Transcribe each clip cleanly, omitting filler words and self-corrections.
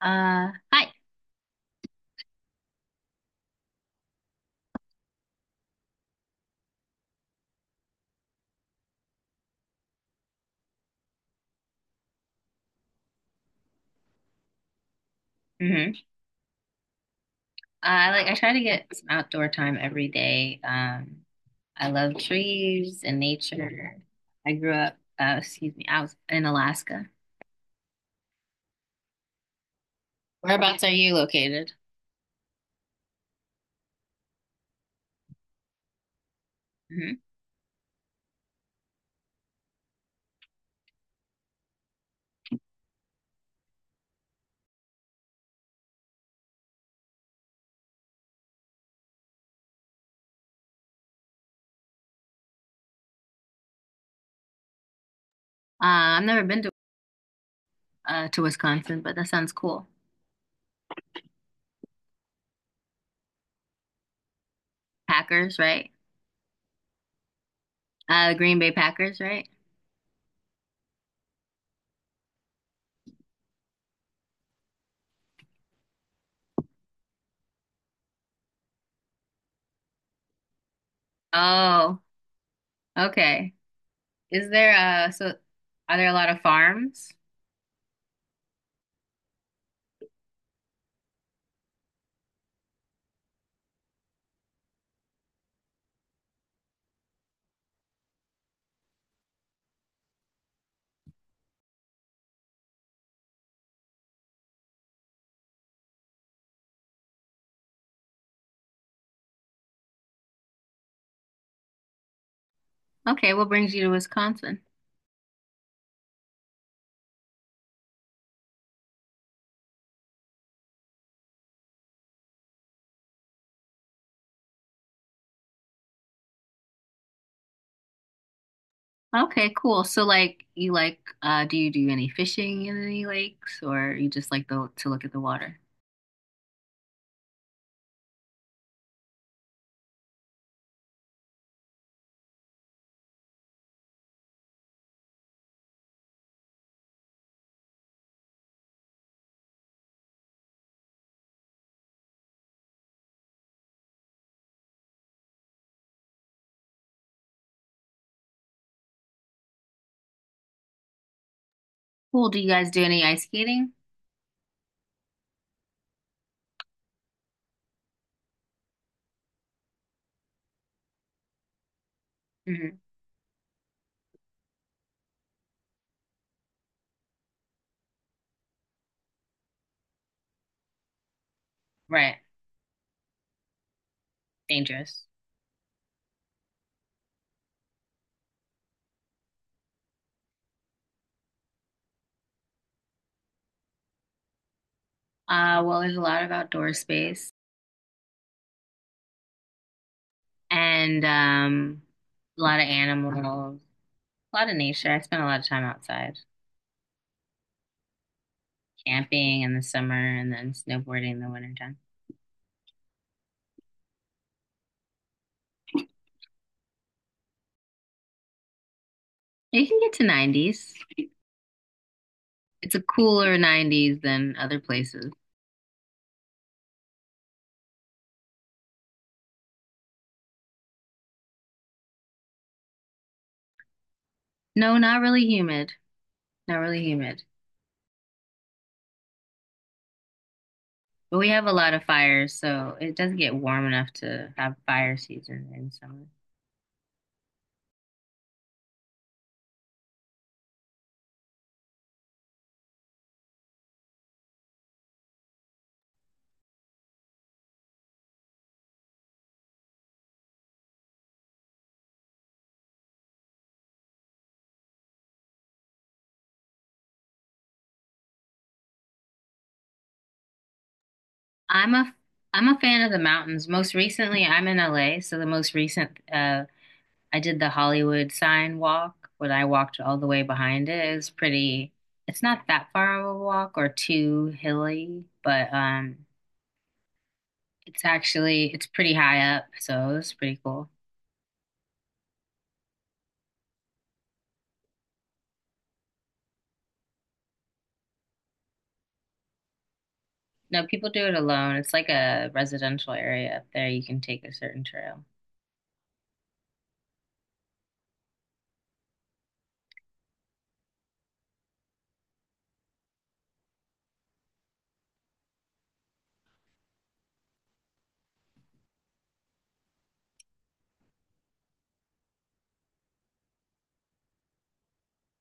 Hi. hmm I try to get some outdoor time every day. I love trees and nature. I grew up, excuse me, I was in Alaska. Whereabouts are you located? hmm I've never been to to Wisconsin, but that sounds cool. Packers, right? The Green Bay Packers, right? Oh, okay. Is there are there a lot of farms? Okay, what brings you to Wisconsin? Okay, cool. So like you like do you do any fishing in any lakes or you just like the to look at the water? Cool. Do you guys do any ice skating? hmm Right. Dangerous. Well there's a lot of outdoor space and a lot of animals, a lot of nature. I spend a lot of time outside camping in the summer and then snowboarding in the wintertime. You can get to 90s. It's a cooler 90s than other places. No, not really humid. Not really humid. But we have a lot of fires, so it doesn't get warm enough to have fire season in summer. I'm a I'm a fan of the mountains. Most recently, I'm in LA, so the most recent I did the Hollywood sign walk, when I walked all the way behind it. It was pretty. It's not that far of a walk or too hilly, but it's actually it's pretty high up, so it's pretty cool. No, people do it alone. It's like a residential area up there. You can take a certain trail.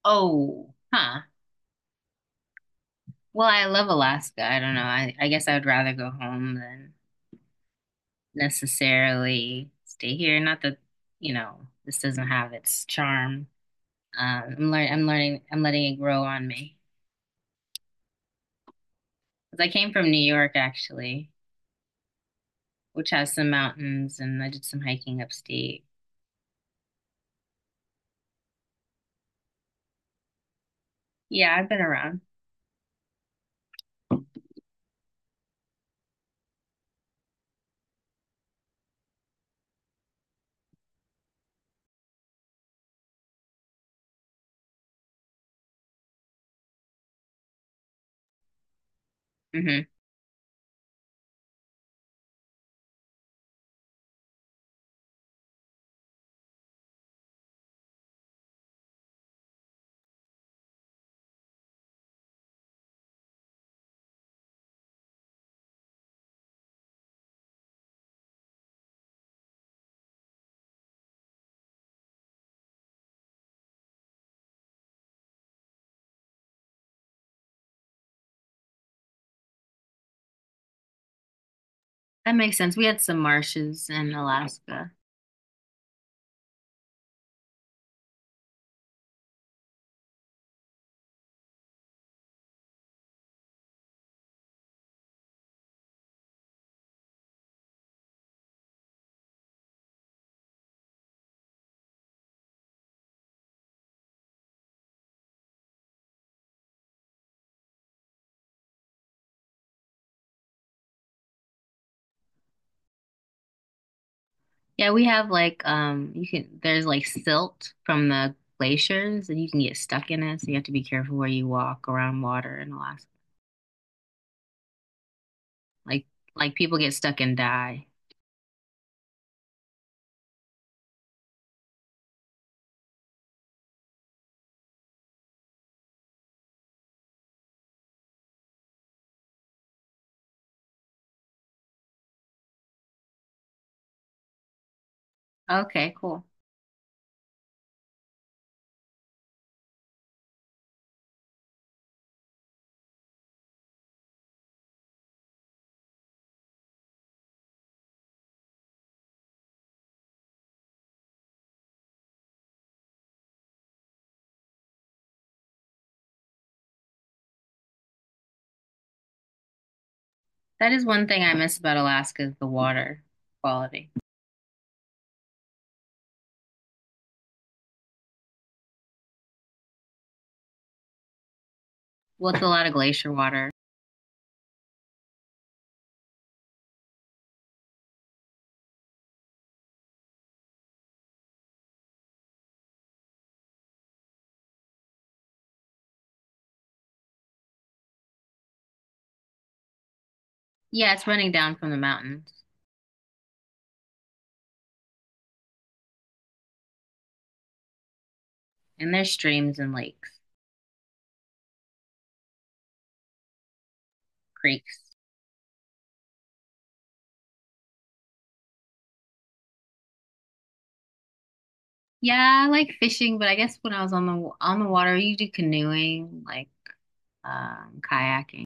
Oh, huh. Well, I love Alaska. I don't know. I guess I would rather go home than necessarily stay here. Not that, you know, this doesn't have its charm. I'm letting it grow on me. 'Cause I came from New York actually, which has some mountains and I did some hiking upstate. Yeah, I've been around. hmm That makes sense. We had some marshes in Alaska. Yeah, we have like you can there's like silt from the glaciers and you can get stuck in it, so you have to be careful where you walk around water in Alaska. Like people get stuck and die. Okay, cool. That is one thing I miss about Alaska is the water quality. Well, it's a lot of glacier water. Yeah, it's running down from the mountains. And there's streams and lakes, creeks. Yeah, I like fishing, but I guess when I was on the water, you do canoeing, like kayaking.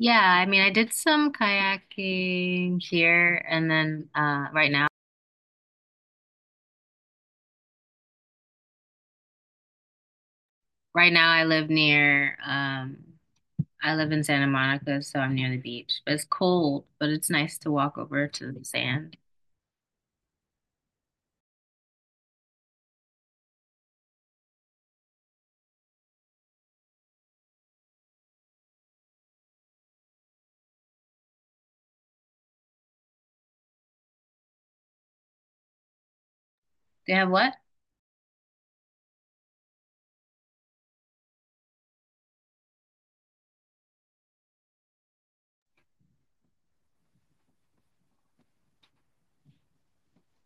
Yeah, I mean, I did some kayaking here and then right now. Right now I live near I live in Santa Monica, so I'm near the beach. But it's cold, but it's nice to walk over to the sand. They have what?